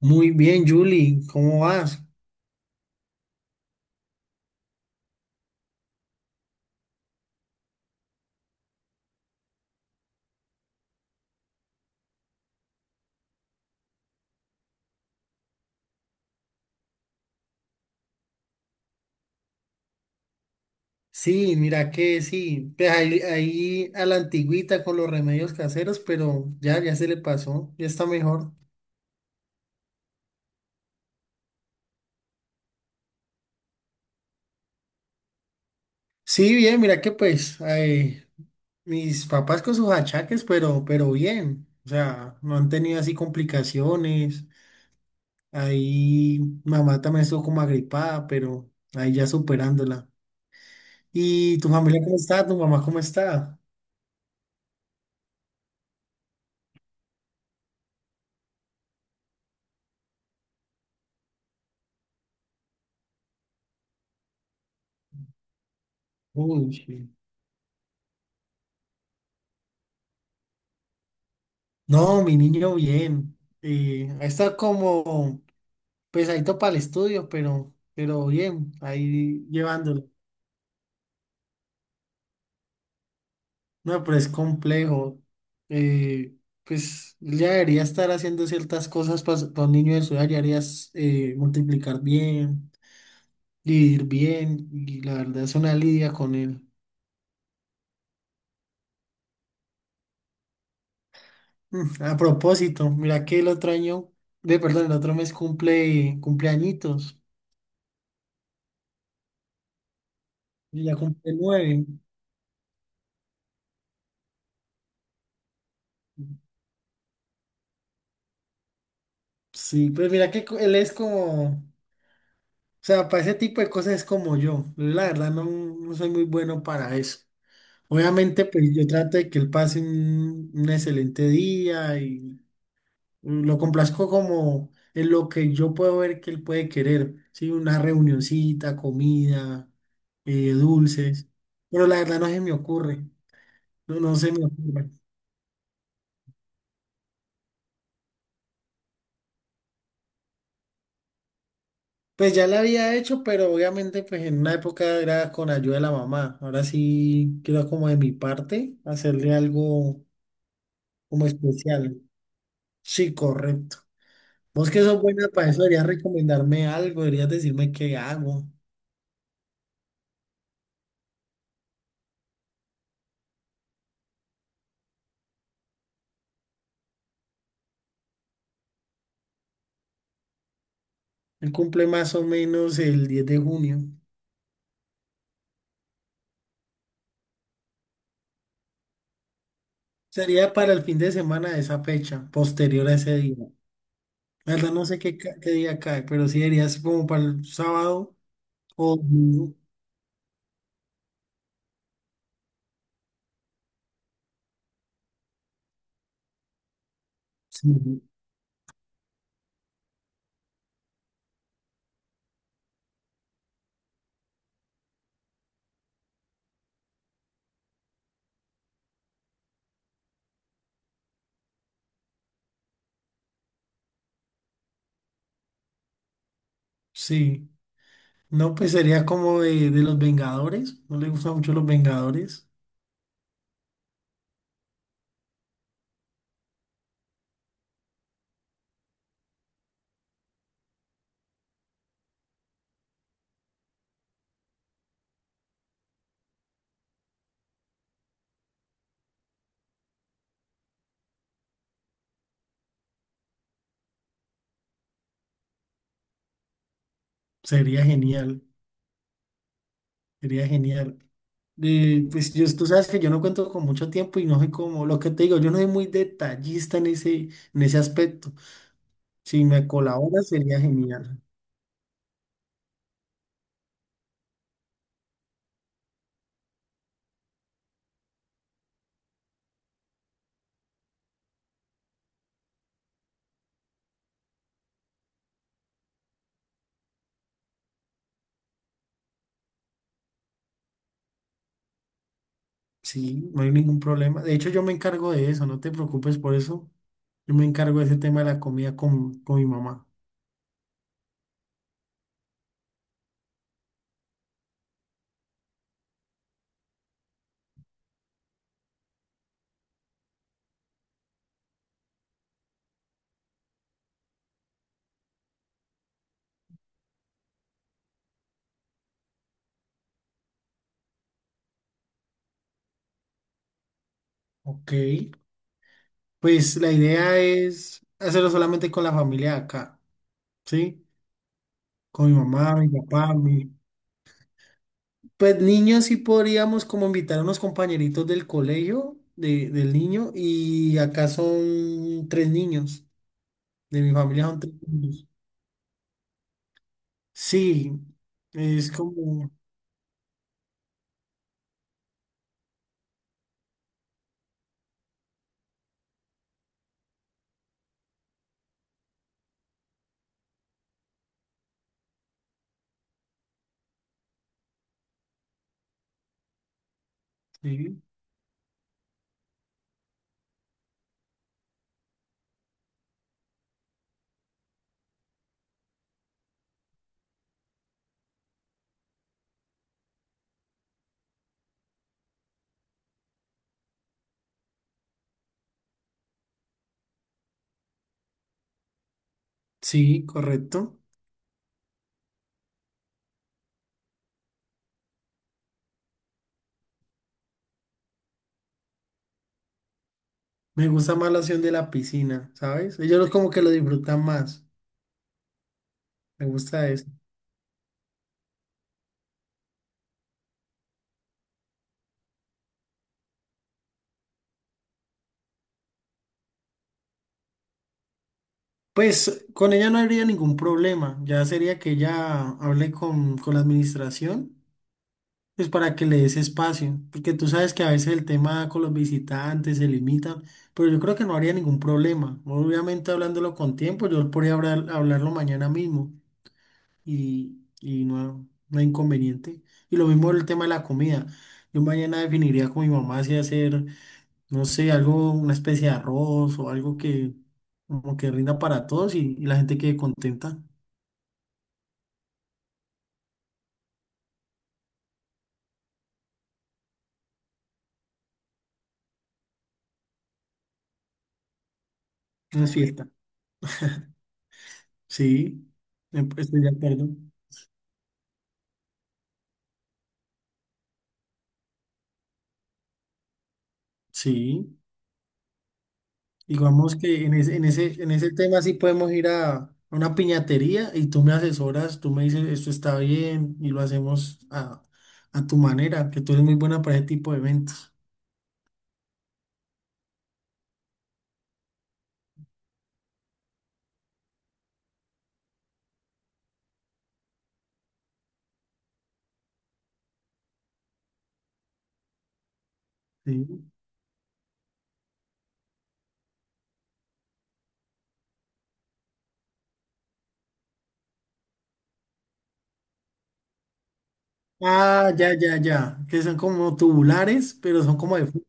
Muy bien, Julie, ¿cómo vas? Sí, mira que sí, pues ahí a la antigüita con los remedios caseros, pero ya, ya se le pasó, ya está mejor. Sí, bien, mira que pues mis papás con sus achaques, pero bien, o sea, no han tenido así complicaciones. Ahí mamá también estuvo como agripada, pero ahí ya superándola. ¿Y tu familia cómo está? ¿Tu mamá cómo está? Uy, sí. No, mi niño bien. Está como pesadito para el estudio, pero bien, ahí llevándolo. No, pero es complejo. Eh, pues él ya debería estar haciendo ciertas cosas para, un niño de su edad, ya deberías multiplicar bien, dividir bien, y la verdad es una lidia con él. Mm. A propósito, mira que el otro año, de perdón, el otro mes cumple cumpleañitos, y ya cumple 9. Sí, pues mira que él es como. O sea, para ese tipo de cosas es como yo. Yo la verdad no, no soy muy bueno para eso. Obviamente, pues yo trato de que él pase un excelente día y lo complazco como en lo que yo puedo ver que él puede querer. Sí, una reunioncita, comida, dulces. Pero la verdad no se me ocurre. No, no se me ocurre. Pues ya la había hecho, pero obviamente pues en una época era con ayuda de la mamá. Ahora sí quiero como de mi parte hacerle algo como especial. Sí, correcto. Vos que sos buena para eso, deberías recomendarme algo, deberías decirme qué hago. Él cumple más o menos el 10 de junio. Sería para el fin de semana de esa fecha, posterior a ese día. La verdad no sé qué, qué día cae, pero sí deberías como para el sábado o domingo. Sí. Sí. No, pues sería como de los Vengadores. No le gustan mucho los Vengadores. Sería genial, sería genial. Pues yo, tú sabes que yo no cuento con mucho tiempo y no soy como, lo que te digo, yo no soy muy detallista en ese aspecto. Si me colaboras sería genial. Sí, no hay ningún problema. De hecho, yo me encargo de eso, no te preocupes por eso. Yo me encargo de ese tema de la comida con mi mamá. Ok. Pues la idea es hacerlo solamente con la familia de acá, ¿sí? Con mi mamá, mi papá, mi. Pues niños sí podríamos como invitar a unos compañeritos del colegio del niño y acá son tres niños, de mi familia son tres niños. Sí, es como, sí, sí, correcto. Me gusta más la opción de la piscina, ¿sabes? Ellos como que lo disfrutan más, me gusta eso. Pues con ella no habría ningún problema, ya sería que ella hable con la administración pues para que le des espacio, porque tú sabes que a veces el tema con los visitantes se limita, pero yo creo que no habría ningún problema. Obviamente hablándolo con tiempo, yo podría hablarlo mañana mismo y, y no, no hay inconveniente. Y lo mismo el tema de la comida. Yo mañana definiría con mi mamá si hacer, no sé, algo, una especie de arroz o algo que como que rinda para todos y la gente quede contenta. Una fiesta. Sí, estoy de acuerdo. Sí. Digamos que en ese tema sí podemos ir a una piñatería y tú me asesoras, tú me dices esto está bien y lo hacemos a tu manera, que tú eres muy buena para ese tipo de eventos. ¿Sí? Ah, ya, ya, ya, que son como tubulares, pero son como de fútbol.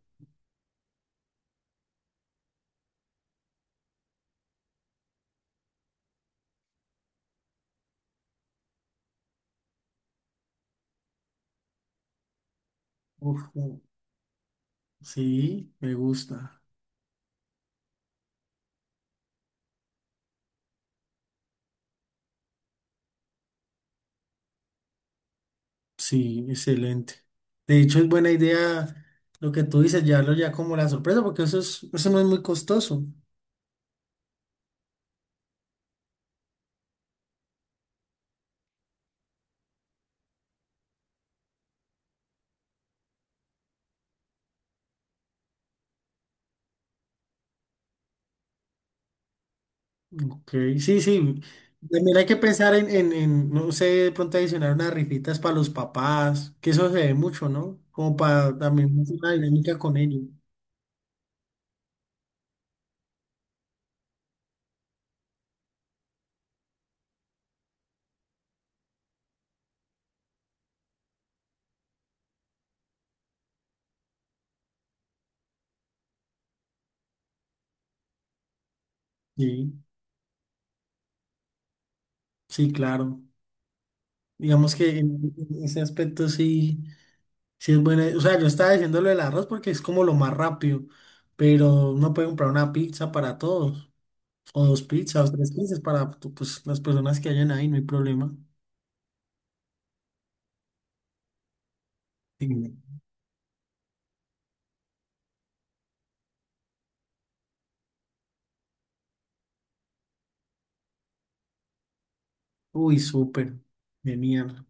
Uf, sí, me gusta. Sí, excelente. De hecho, es buena idea lo que tú dices, llevarlo ya como la sorpresa, porque eso es, eso no es muy costoso. Ok, sí, sí. También hay que pensar en, no sé, de pronto adicionar unas rifitas para los papás, que eso se ve mucho, ¿no? Como para también hacer una dinámica con ellos. Sí, sí, claro. Digamos que en ese aspecto sí, sí es buena. O sea, yo estaba diciendo lo del arroz porque es como lo más rápido, pero uno puede comprar una pizza para todos, o dos pizzas, o tres pizzas para pues, las personas que hayan ahí, no hay problema. Sí. Uy, súper. Genial.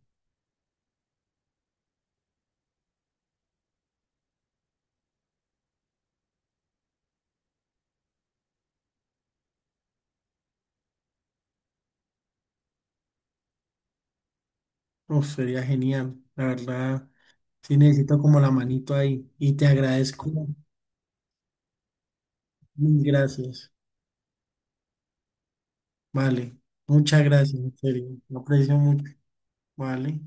Uf, sería genial, la verdad. Sí necesito como la manito ahí y te agradezco. Mil gracias. Vale, muchas gracias, en serio. Lo aprecio mucho. Vale.